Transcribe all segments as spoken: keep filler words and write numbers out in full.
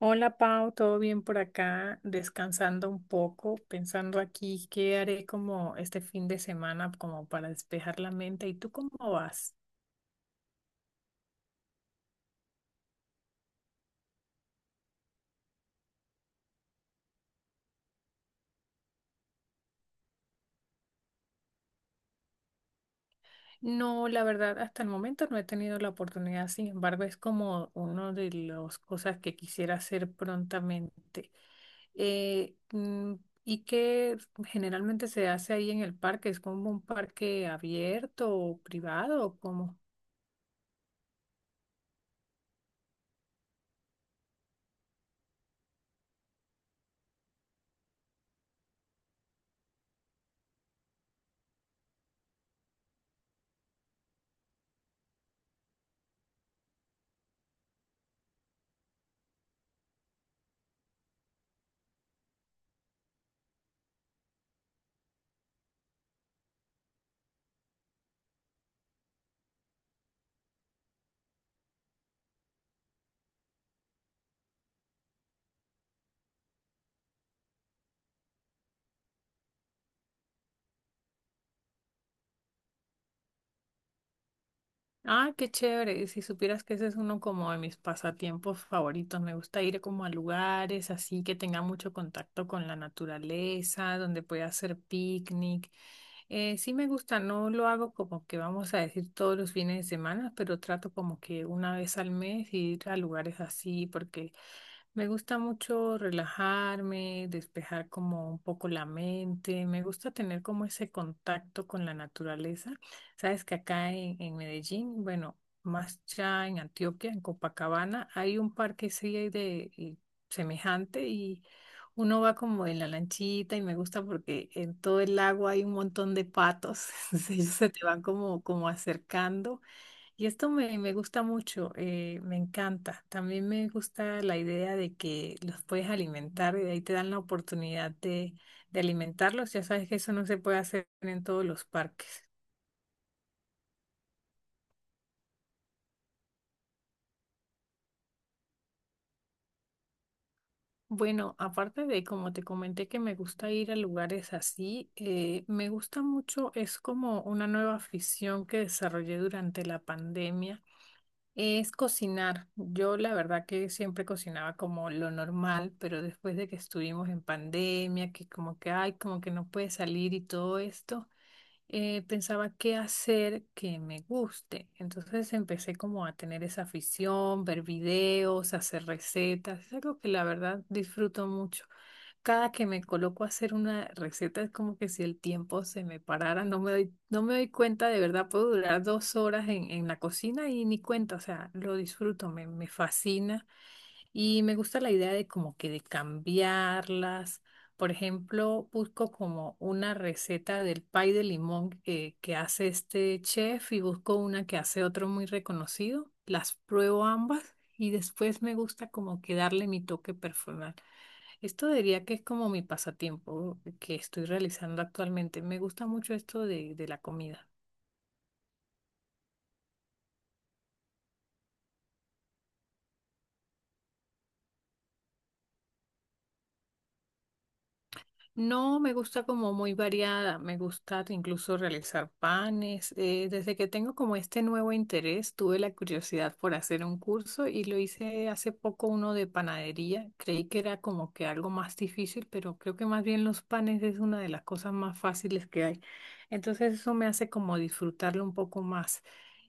Hola Pau, ¿todo bien por acá? Descansando un poco, pensando aquí qué haré como este fin de semana como para despejar la mente. ¿Y tú cómo vas? No, la verdad, hasta el momento no he tenido la oportunidad, sin embargo, es como una de las cosas que quisiera hacer prontamente. Eh, mm, ¿Y que generalmente se hace ahí en el parque? ¿Es como un parque abierto o privado o cómo? Ah, qué chévere. Si supieras que ese es uno como de mis pasatiempos favoritos. Me gusta ir como a lugares así que tenga mucho contacto con la naturaleza, donde pueda hacer picnic. Eh, sí me gusta, no lo hago como que vamos a decir todos los fines de semana, pero trato como que una vez al mes ir a lugares así porque me gusta mucho relajarme, despejar como un poco la mente. Me gusta tener como ese contacto con la naturaleza. Sabes que acá en, en Medellín, bueno, más ya en Antioquia, en Copacabana, hay un parque así de y semejante y uno va como en la lanchita y me gusta porque en todo el lago hay un montón de patos. Entonces ellos se te van como, como acercando. Y esto me, me gusta mucho, eh, me encanta. También me gusta la idea de que los puedes alimentar y de ahí te dan la oportunidad de, de alimentarlos. Ya sabes que eso no se puede hacer en todos los parques. Bueno, aparte de como te comenté que me gusta ir a lugares así, eh, me gusta mucho, es como una nueva afición que desarrollé durante la pandemia. Es cocinar. Yo la verdad que siempre cocinaba como lo normal, pero después de que estuvimos en pandemia, que como que, ay, como que no puede salir y todo esto, eh, pensaba qué hacer que me guste. Entonces empecé como a tener esa afición, ver videos, hacer recetas. Es algo que la verdad disfruto mucho. Cada que me coloco a hacer una receta es como que si el tiempo se me parara, no me doy, no me doy cuenta, de verdad puedo durar dos horas en, en la cocina y ni cuenta, o sea, lo disfruto, me, me fascina. Y me gusta la idea de como que de cambiarlas. Por ejemplo, busco como una receta del pay de limón que, que hace este chef y busco una que hace otro muy reconocido. Las pruebo ambas y después me gusta como que darle mi toque personal. Esto diría que es como mi pasatiempo que estoy realizando actualmente. Me gusta mucho esto de, de la comida. No, me gusta como muy variada, me gusta incluso realizar panes. Eh, desde que tengo como este nuevo interés, tuve la curiosidad por hacer un curso y lo hice hace poco uno de panadería. Creí que era como que algo más difícil, pero creo que más bien los panes es una de las cosas más fáciles que hay. Entonces eso me hace como disfrutarlo un poco más,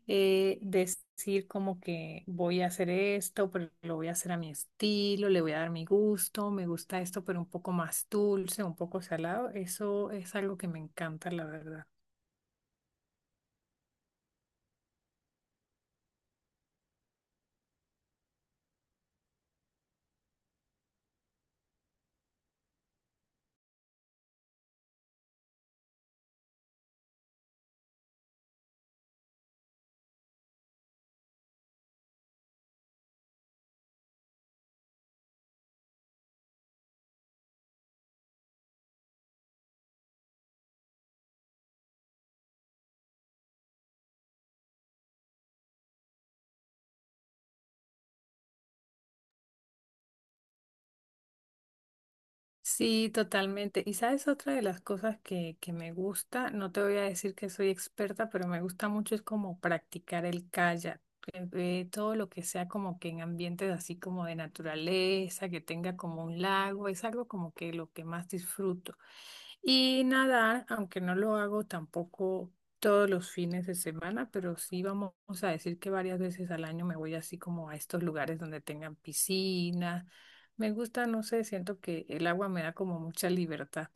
eh, decir como que voy a hacer esto, pero lo voy a hacer a mi estilo, le voy a dar mi gusto, me gusta esto, pero un poco más dulce, un poco salado. Eso es algo que me encanta, la verdad. Sí, totalmente. Y sabes, otra de las cosas que, que me gusta, no te voy a decir que soy experta, pero me gusta mucho es como practicar el kayak. Eh, eh, todo lo que sea como que en ambientes así como de naturaleza, que tenga como un lago, es algo como que lo que más disfruto. Y nadar, aunque no lo hago tampoco todos los fines de semana, pero sí vamos a decir que varias veces al año me voy así como a estos lugares donde tengan piscinas. Me gusta, no sé, siento que el agua me da como mucha libertad.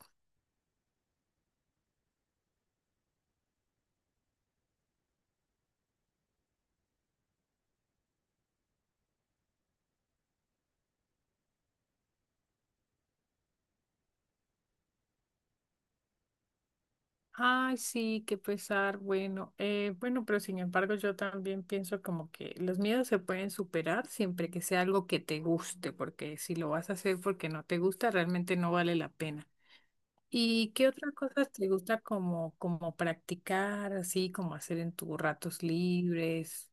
Ay, sí, qué pesar. Bueno, eh, bueno, pero sin embargo yo también pienso como que los miedos se pueden superar siempre que sea algo que te guste, porque si lo vas a hacer porque no te gusta, realmente no vale la pena. ¿Y qué otras cosas te gusta como, como practicar, así como hacer en tus ratos libres?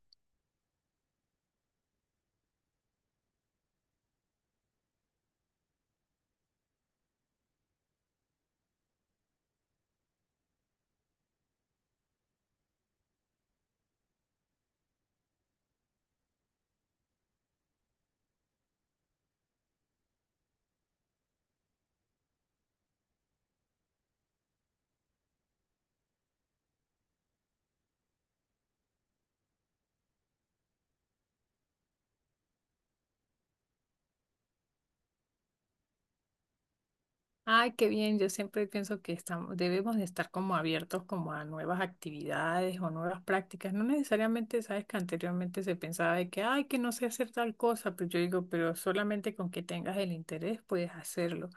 Ay, qué bien. Yo siempre pienso que estamos, debemos de estar como abiertos como a nuevas actividades o nuevas prácticas. No necesariamente, sabes que anteriormente se pensaba de que, ay, que no sé hacer tal cosa, pero yo digo, pero solamente con que tengas el interés puedes hacerlo.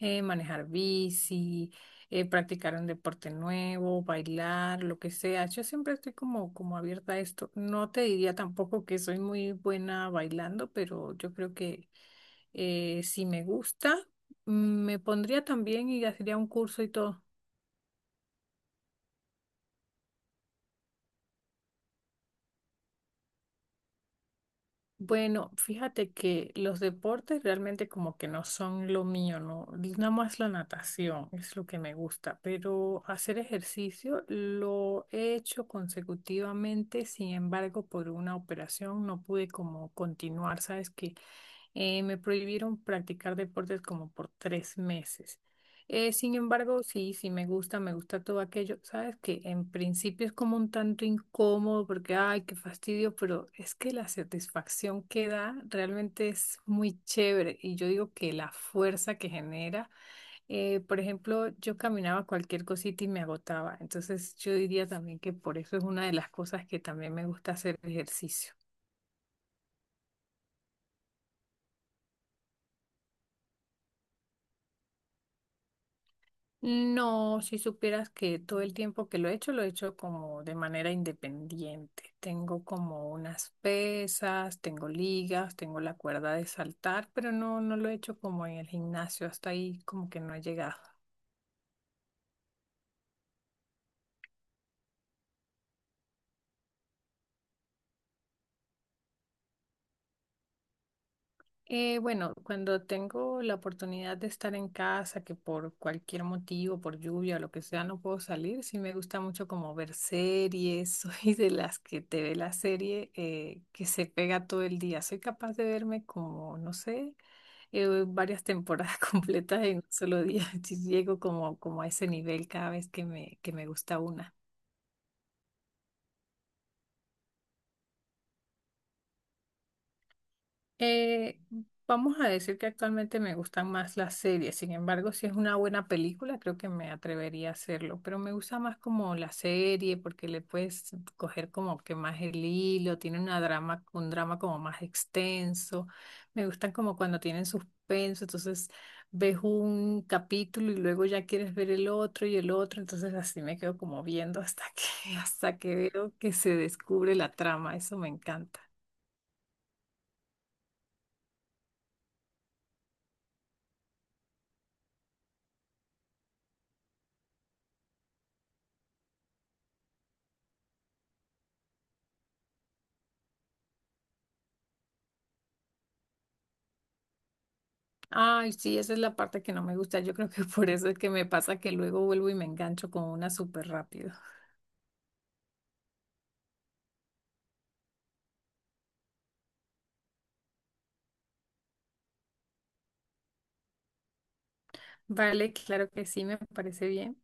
Eh, manejar bici, eh, practicar un deporte nuevo, bailar, lo que sea. Yo siempre estoy como, como abierta a esto. No te diría tampoco que soy muy buena bailando, pero yo creo que, eh, si me gusta, mm, me pondría también y haría un curso y todo. Bueno, fíjate que los deportes realmente como que no son lo mío, ¿no? Nada más la natación es lo que me gusta, pero hacer ejercicio lo he hecho consecutivamente, sin embargo, por una operación no pude como continuar, ¿sabes? Que Eh, me prohibieron practicar deportes como por tres meses. Eh, sin embargo, sí, sí me gusta, me gusta todo aquello. Sabes que en principio es como un tanto incómodo porque, ay, qué fastidio, pero es que la satisfacción que da realmente es muy chévere. Y yo digo que la fuerza que genera, eh, por ejemplo, yo caminaba cualquier cosita y me agotaba. Entonces yo diría también que por eso es una de las cosas que también me gusta hacer ejercicio. No, si supieras que todo el tiempo que lo he hecho, lo he hecho como de manera independiente. Tengo como unas pesas, tengo ligas, tengo la cuerda de saltar, pero no, no lo he hecho como en el gimnasio, hasta ahí como que no he llegado. Eh, bueno, cuando tengo la oportunidad de estar en casa, que por cualquier motivo, por lluvia o lo que sea, no puedo salir, sí me gusta mucho como ver series, soy de las que te ve la serie, eh, que se pega todo el día. Soy capaz de verme como, no sé, eh, varias temporadas completas en un solo día. Sí, llego como, como a ese nivel cada vez que me, que me gusta una. Eh, Vamos a decir que actualmente me gustan más las series, sin embargo, si es una buena película, creo que me atrevería a hacerlo, pero me gusta más como la serie porque le puedes coger como que más el hilo, tiene una drama, un drama como más extenso, me gustan como cuando tienen suspenso, entonces ves un capítulo y luego ya quieres ver el otro y el otro, entonces así me quedo como viendo hasta que, hasta que veo que se descubre la trama, eso me encanta. Ay, sí, esa es la parte que no me gusta. Yo creo que por eso es que me pasa que luego vuelvo y me engancho con una súper rápido. Vale, claro que sí, me parece bien.